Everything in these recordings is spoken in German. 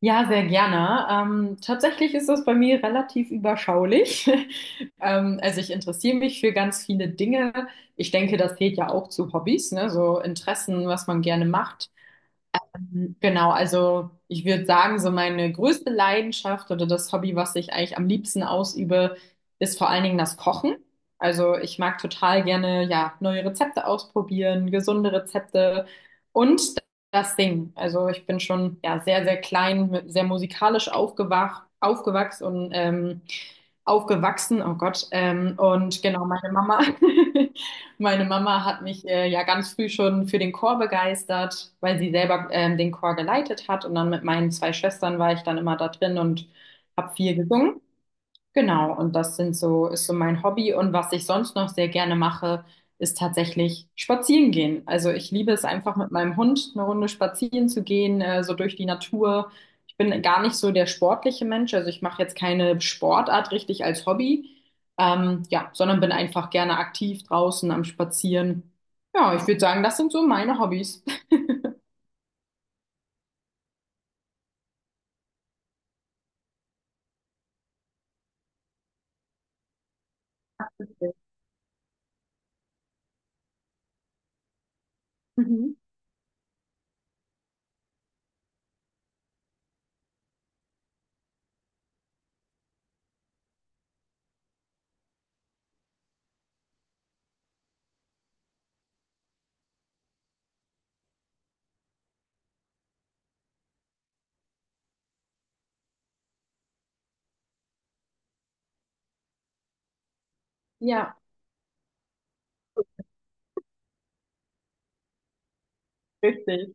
Ja, sehr gerne. Tatsächlich ist das bei mir relativ überschaulich. Also ich interessiere mich für ganz viele Dinge. Ich denke, das zählt ja auch zu Hobbys, ne? So Interessen, was man gerne macht. Genau, also ich würde sagen, so meine größte Leidenschaft oder das Hobby, was ich eigentlich am liebsten ausübe, ist vor allen Dingen das Kochen. Also ich mag total gerne, ja, neue Rezepte ausprobieren, gesunde Rezepte und das Singen. Also ich bin schon, ja, sehr, sehr klein, sehr musikalisch aufgewachsen und aufgewachsen, oh Gott, und genau, meine Mama. Meine Mama hat mich ja ganz früh schon für den Chor begeistert, weil sie selber den Chor geleitet hat. Und dann mit meinen zwei Schwestern war ich dann immer da drin und habe viel gesungen. Genau, und das ist so mein Hobby. Und was ich sonst noch sehr gerne mache, ist tatsächlich spazieren gehen. Also ich liebe es einfach mit meinem Hund eine Runde spazieren zu gehen, so durch die Natur. Ich bin gar nicht so der sportliche Mensch, also ich mache jetzt keine Sportart richtig als Hobby, ja, sondern bin einfach gerne aktiv draußen am Spazieren. Ja, ich würde sagen, das sind so meine Hobbys. Mhm. Ja, richtig.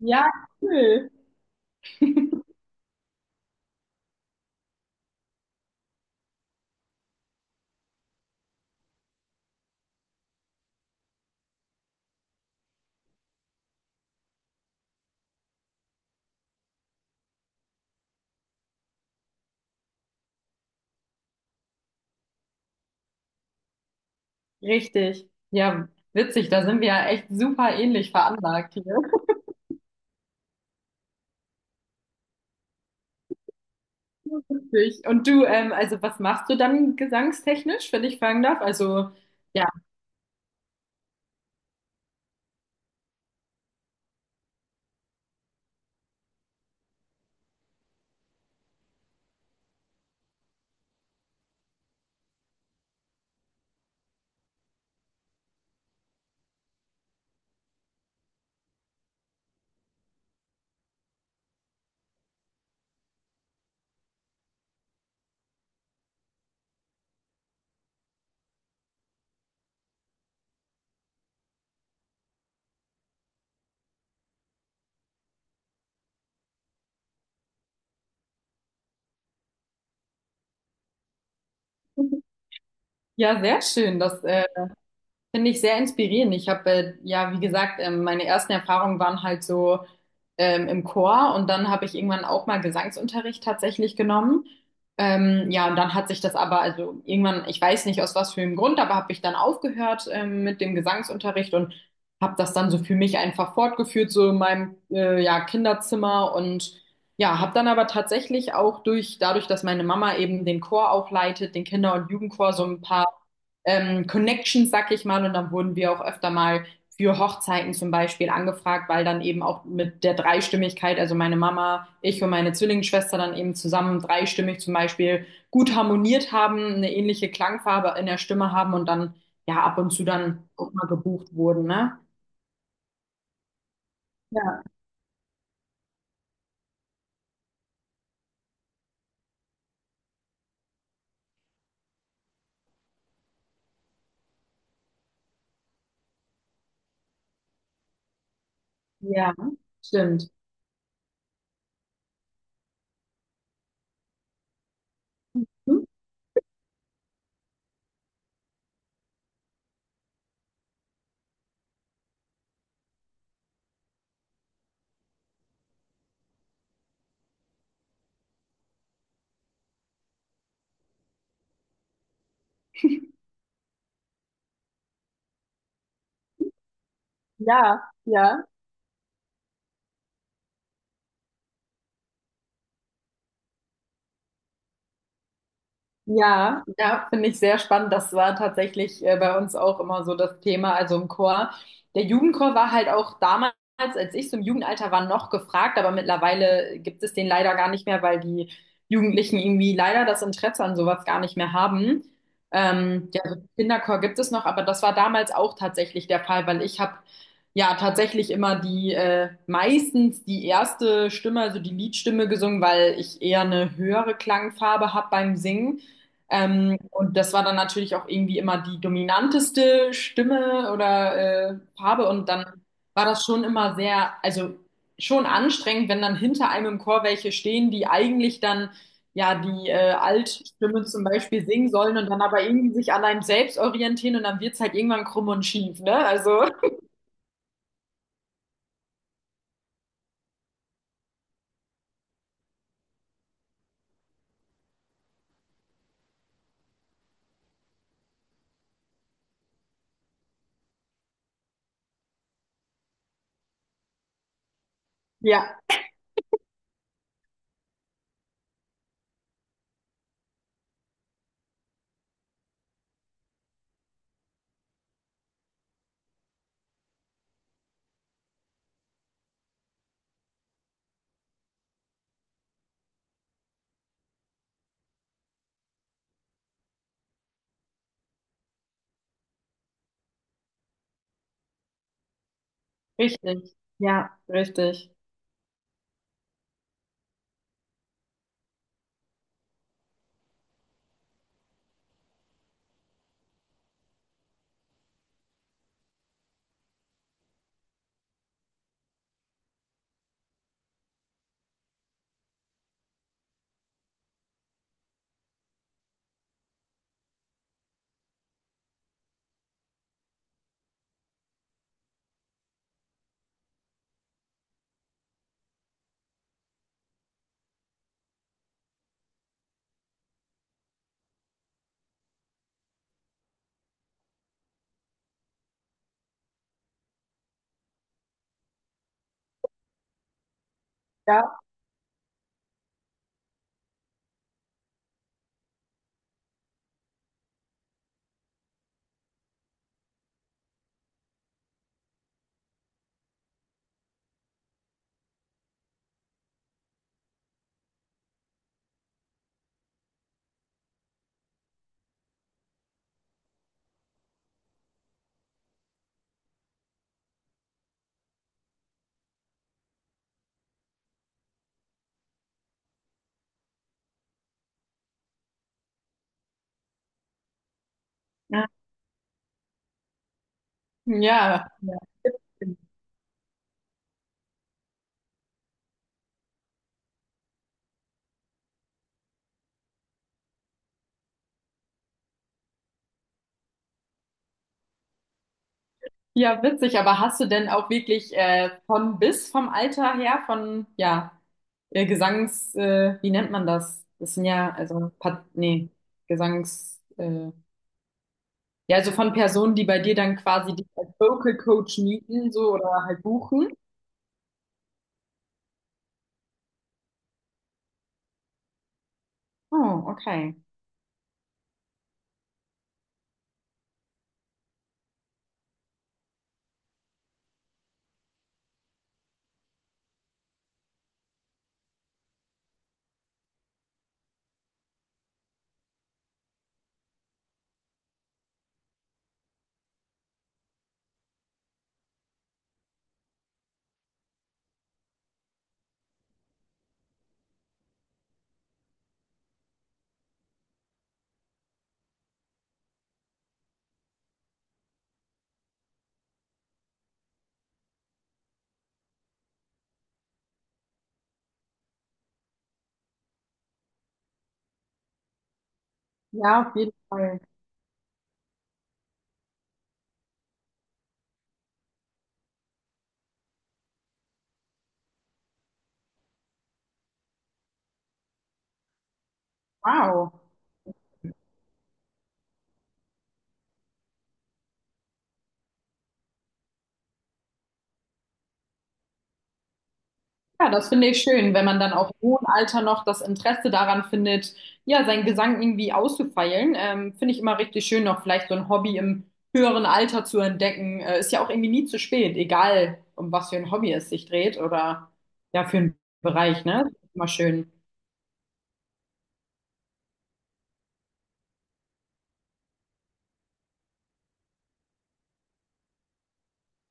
Ja, cool. Richtig. Ja, witzig, da sind wir ja echt super ähnlich veranlagt hier. Witzig. Und du, also was machst du dann gesangstechnisch, wenn ich fragen darf? Also, ja, ja, sehr schön. Das Finde ich sehr inspirierend. Ich habe ja, wie gesagt, meine ersten Erfahrungen waren halt so im Chor und dann habe ich irgendwann auch mal Gesangsunterricht tatsächlich genommen. Ja, und dann hat sich das aber, also irgendwann, ich weiß nicht aus was für einem Grund, aber habe ich dann aufgehört mit dem Gesangsunterricht und habe das dann so für mich einfach fortgeführt, so in meinem ja, Kinderzimmer und ja, habe dann aber tatsächlich auch dadurch, dass meine Mama eben den Chor auch leitet, den Kinder- und Jugendchor, so ein paar Connections, sag ich mal. Und dann wurden wir auch öfter mal für Hochzeiten zum Beispiel angefragt, weil dann eben auch mit der Dreistimmigkeit, also meine Mama, ich und meine Zwillingsschwester dann eben zusammen dreistimmig zum Beispiel gut harmoniert haben, eine ähnliche Klangfarbe in der Stimme haben und dann ja ab und zu dann auch mal gebucht wurden, ne? Ja, ja, stimmt. Hm? Ja, ja. Ja, ja, finde ich sehr spannend. Das war tatsächlich bei uns auch immer so das Thema, also im Chor. Der Jugendchor war halt auch damals, als ich so im Jugendalter war, noch gefragt, aber mittlerweile gibt es den leider gar nicht mehr, weil die Jugendlichen irgendwie leider das Interesse an sowas gar nicht mehr haben. Ja, also Kinderchor gibt es noch, aber das war damals auch tatsächlich der Fall, weil ich habe ja tatsächlich immer die meistens die erste Stimme, also die Liedstimme gesungen, weil ich eher eine höhere Klangfarbe habe beim Singen. Und das war dann natürlich auch irgendwie immer die dominanteste Stimme oder Farbe. Und dann war das schon immer sehr, also schon anstrengend, wenn dann hinter einem im Chor welche stehen, die eigentlich dann ja die Altstimme zum Beispiel singen sollen und dann aber irgendwie sich an einem selbst orientieren und dann wird's halt irgendwann krumm und schief, ne? Also, ja, richtig. Ja, richtig. Ja, ja, ja. Ja, witzig, aber hast du denn auch wirklich von bis vom Alter her, von, ja, wie nennt man das? Das sind ja, also, Gesangs, äh, ja, also von Personen, die bei dir dann quasi dich als Vocal Coach mieten, so, oder halt buchen. Oh, okay. Ja, auf jeden Fall. Wow. Ja, das finde ich schön, wenn man dann auch im hohen Alter noch das Interesse daran findet, ja, seinen Gesang irgendwie auszufeilen. Finde ich immer richtig schön, noch vielleicht so ein Hobby im höheren Alter zu entdecken. Ist ja auch irgendwie nie zu spät, egal um was für ein Hobby es sich dreht oder ja, für einen Bereich, ne? Immer schön.